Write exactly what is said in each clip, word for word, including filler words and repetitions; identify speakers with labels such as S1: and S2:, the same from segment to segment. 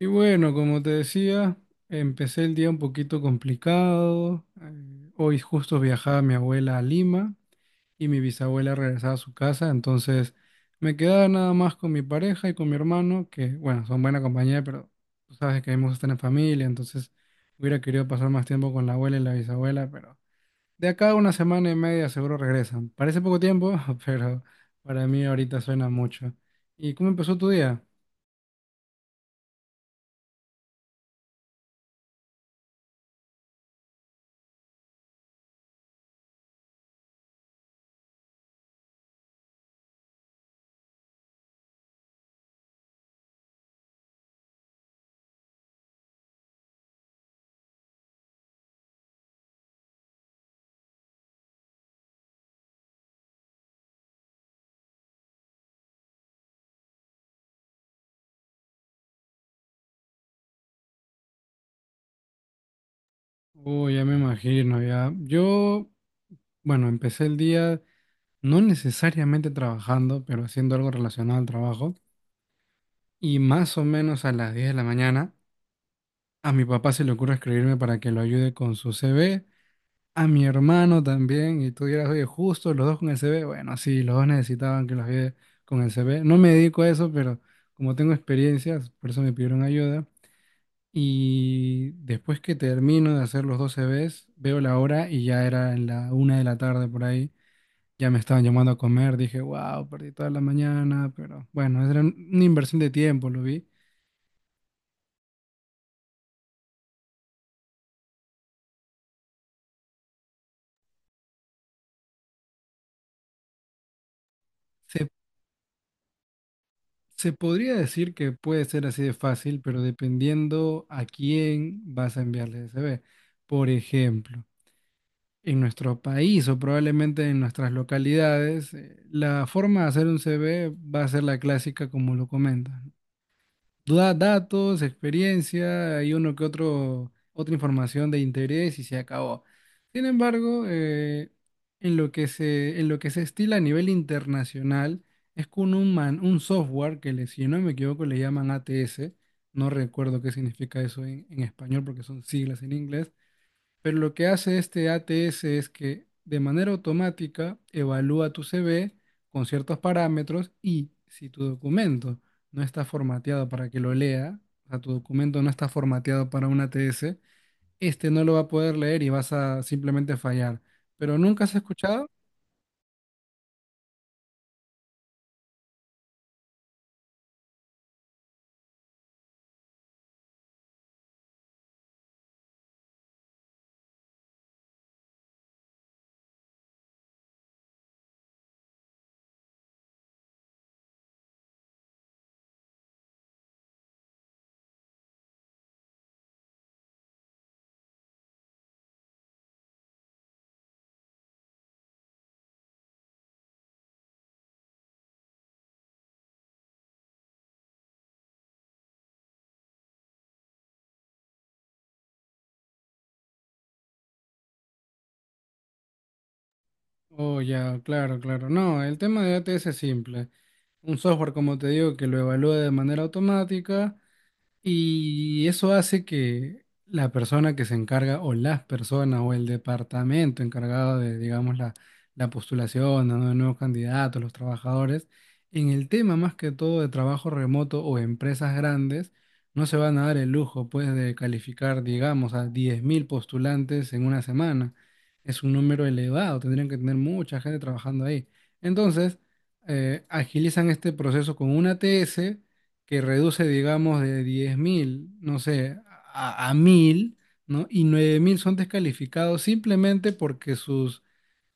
S1: Y bueno, como te decía, empecé el día un poquito complicado. Eh, hoy justo viajaba mi abuela a Lima y mi bisabuela regresaba a su casa, entonces me quedaba nada más con mi pareja y con mi hermano, que bueno, son buena compañía, pero tú sabes que hemos estado en familia, entonces hubiera querido pasar más tiempo con la abuela y la bisabuela, pero de acá a una semana y media seguro regresan. Parece poco tiempo, pero para mí ahorita suena mucho. ¿Y cómo empezó tu día? Uy, ya me imagino, ya. Yo Bueno, empecé el día no necesariamente trabajando, pero haciendo algo relacionado al trabajo. Y más o menos a las diez de la mañana, a mi papá se le ocurre escribirme para que lo ayude con su C V, a mi hermano también, y tú dirás, oye, justo los dos con el C V. Bueno, sí, los dos necesitaban que los ayude con el C V. No me dedico a eso, pero como tengo experiencias, por eso me pidieron ayuda. Y después que termino de hacer los dos C Vs, veo la hora y ya era en la una de la tarde por ahí. Ya me estaban llamando a comer, dije, wow, perdí toda la mañana, pero bueno, era un- una inversión de tiempo, lo vi. Se, se podría decir que puede ser así de fácil, pero dependiendo a quién vas a enviarle ese C V. Por ejemplo, en nuestro país o probablemente en nuestras localidades, eh, la forma de hacer un C V va a ser la clásica como lo comentas. Da datos, experiencia y uno que otro, otra información de interés y se acabó. Sin embargo, eh, en lo que se, en lo que se estila a nivel internacional es con un, man- un software que, le, si no me equivoco, le llaman A T S. No recuerdo qué significa eso en, en, español porque son siglas en inglés. Pero lo que hace este A T S es que de manera automática evalúa tu C V con ciertos parámetros y si tu documento no está formateado para que lo lea, o sea, tu documento no está formateado para un A T S, este no lo va a poder leer y vas a simplemente fallar. ¿Pero nunca has escuchado? Oh, ya, claro, claro. No, el tema de A T S es simple. Un software, como te digo, que lo evalúa de manera automática. Y eso hace que la persona que se encarga o las personas o el departamento encargado de, digamos, la, la postulación, ¿no?, de nuevos candidatos, los trabajadores, en el tema más que todo de trabajo remoto o empresas grandes, no se van a dar el lujo, pues, de calificar, digamos, a diez mil postulantes en una semana. Es un número elevado, tendrían que tener mucha gente trabajando ahí. Entonces, eh, agilizan este proceso con una T S que reduce, digamos, de diez mil no sé, a, a, mil, ¿no? Y nueve mil son descalificados simplemente porque sus,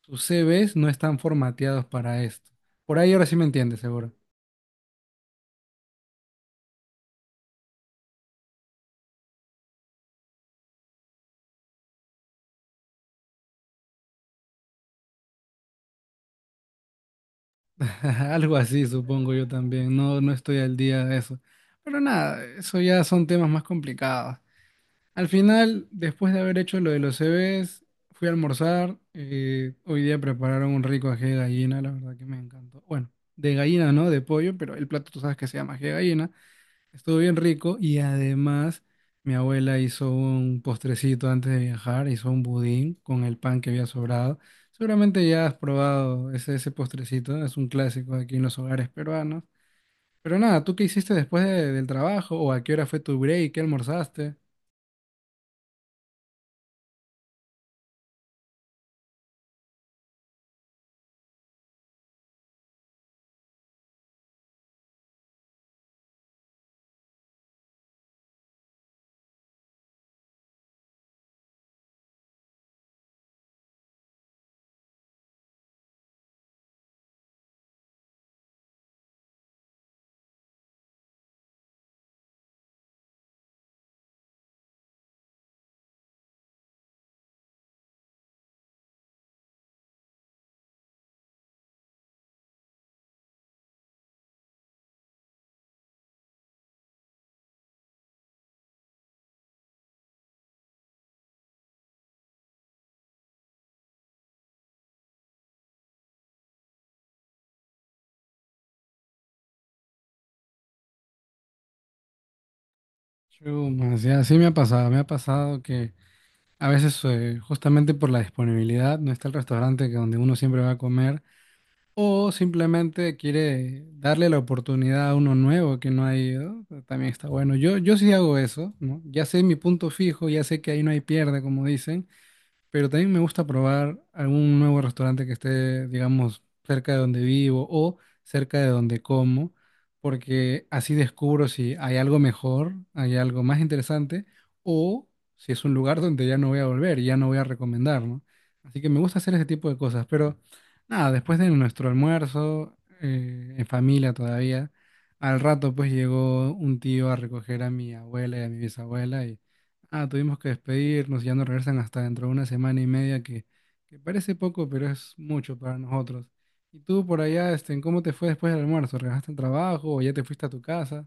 S1: sus C Vs no están formateados para esto. Por ahí ahora sí me entiendes, seguro. Algo así, supongo yo también. No, no estoy al día de eso. Pero nada, eso ya son temas más complicados. Al final, después de haber hecho lo de los C Vs, fui a almorzar. Eh, hoy día prepararon un rico ají de gallina, la verdad que me encantó. Bueno, de gallina, ¿no? De pollo, pero el plato tú sabes que se llama ají de gallina. Estuvo bien rico y además mi abuela hizo un postrecito antes de viajar, hizo un budín con el pan que había sobrado. Seguramente ya has probado ese, ese postrecito, es un clásico aquí en los hogares peruanos. Pero nada, ¿tú qué hiciste después de- del trabajo o a qué hora fue tu break? ¿Qué almorzaste? Chumas, ya, sí me ha pasado, me ha pasado que a veces eh, justamente por la disponibilidad no está el restaurante que donde uno siempre va a comer o simplemente quiere darle la oportunidad a uno nuevo que no ha ido, eh, también está bueno. Yo, yo sí hago eso, ¿no? Ya sé mi punto fijo, ya sé que ahí no hay pierde, como dicen. Pero también me gusta probar algún nuevo restaurante que esté, digamos, cerca de donde vivo o cerca de donde como, porque así descubro si hay algo mejor, hay algo más interesante o si es un lugar donde ya no voy a volver y ya no voy a recomendar, ¿no? Así que me gusta hacer ese tipo de cosas, pero nada, después de nuestro almuerzo, eh, en familia todavía, al rato pues llegó un tío a recoger a mi abuela y a mi bisabuela y ah, tuvimos que despedirnos, ya no regresan hasta dentro de una semana y media, que, que parece poco, pero es mucho para nosotros. ¿Y tú por allá, este, cómo te fue después del almuerzo? ¿Regresaste al trabajo o ya te fuiste a tu casa?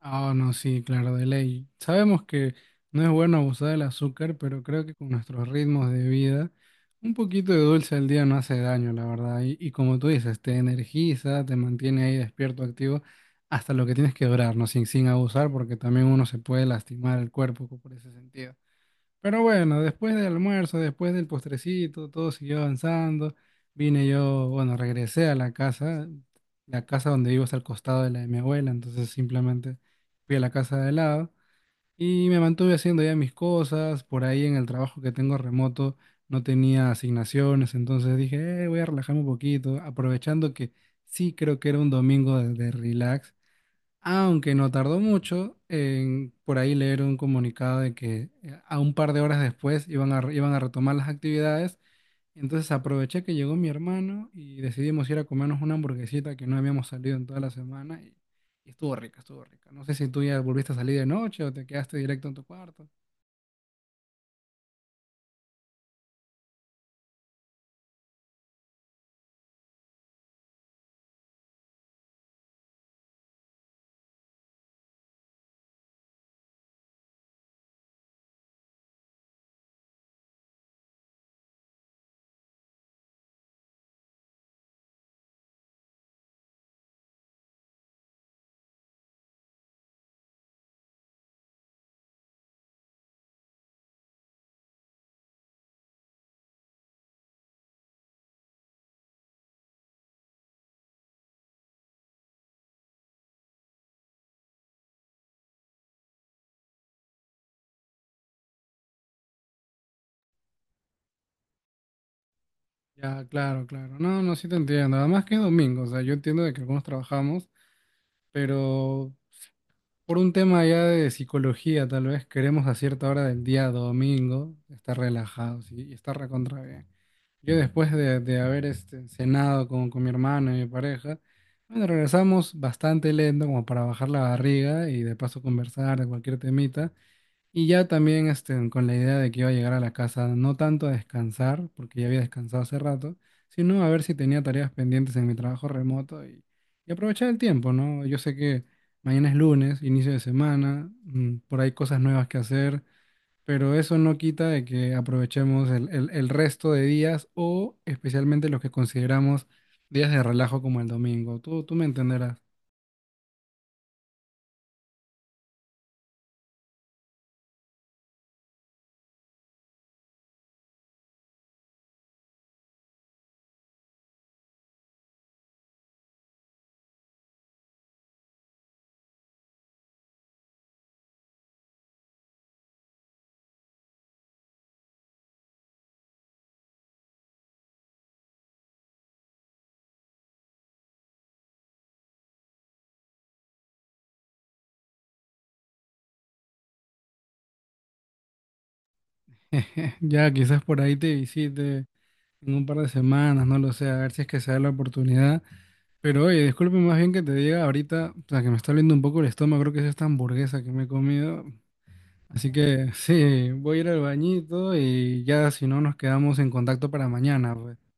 S1: Ah, no, sí, claro, de ley. Sabemos que no es bueno abusar del azúcar, pero creo que con nuestros ritmos de vida, un poquito de dulce al día no hace daño, la verdad. Y, y como tú dices, te energiza, te mantiene ahí despierto, activo, hasta lo que tienes que durar, ¿no? Sin, sin abusar, porque también uno se puede lastimar el cuerpo por ese sentido. Pero bueno, después del almuerzo, después del postrecito, todo siguió avanzando. Vine yo, bueno, regresé a la casa. La casa donde vivo es al costado de la de mi abuela, entonces simplemente fui a la casa de al lado y me mantuve haciendo ya mis cosas. Por ahí en el trabajo que tengo remoto no tenía asignaciones, entonces dije: "Eh, voy a relajarme un poquito, aprovechando que sí creo que era un domingo de, de relax". Aunque no tardó mucho en, por ahí leer un comunicado de que eh, a un par de horas después iban a, re- iban a retomar las actividades. Entonces aproveché que llegó mi hermano y decidimos ir a comernos una hamburguesita, que no habíamos salido en toda la semana, y, y estuvo rica, estuvo rica. No sé si tú ya volviste a salir de noche o te quedaste directo en tu cuarto. Ya, claro, claro. No, no, sí te entiendo. Además que es domingo, o sea, yo entiendo de que algunos trabajamos, pero por un tema ya de psicología, tal vez queremos a cierta hora del día domingo estar relajados y, y estar recontra bien. Yo después de, de haber este, cenado con, con mi hermano y mi pareja, bueno, regresamos bastante lento como para bajar la barriga y de paso conversar de cualquier temita. Y ya también este, con la idea de que iba a llegar a la casa, no tanto a descansar, porque ya había descansado hace rato, sino a ver si tenía tareas pendientes en mi trabajo remoto y, y aprovechar el tiempo, ¿no? Yo sé que mañana es lunes, inicio de semana, mm, por ahí cosas nuevas que hacer, pero eso no quita de que aprovechemos el, el, el resto de días o especialmente los que consideramos días de relajo como el domingo. Tú, tú me entenderás. Ya quizás por ahí te visite en un par de semanas, no lo sé, a ver si es que se da la oportunidad. Pero oye, disculpe más bien que te diga ahorita, o sea, que me está oliendo un poco el estómago, creo que es esta hamburguesa que me he comido. Así que sí, voy a ir al bañito y ya si no nos quedamos en contacto para mañana, pues.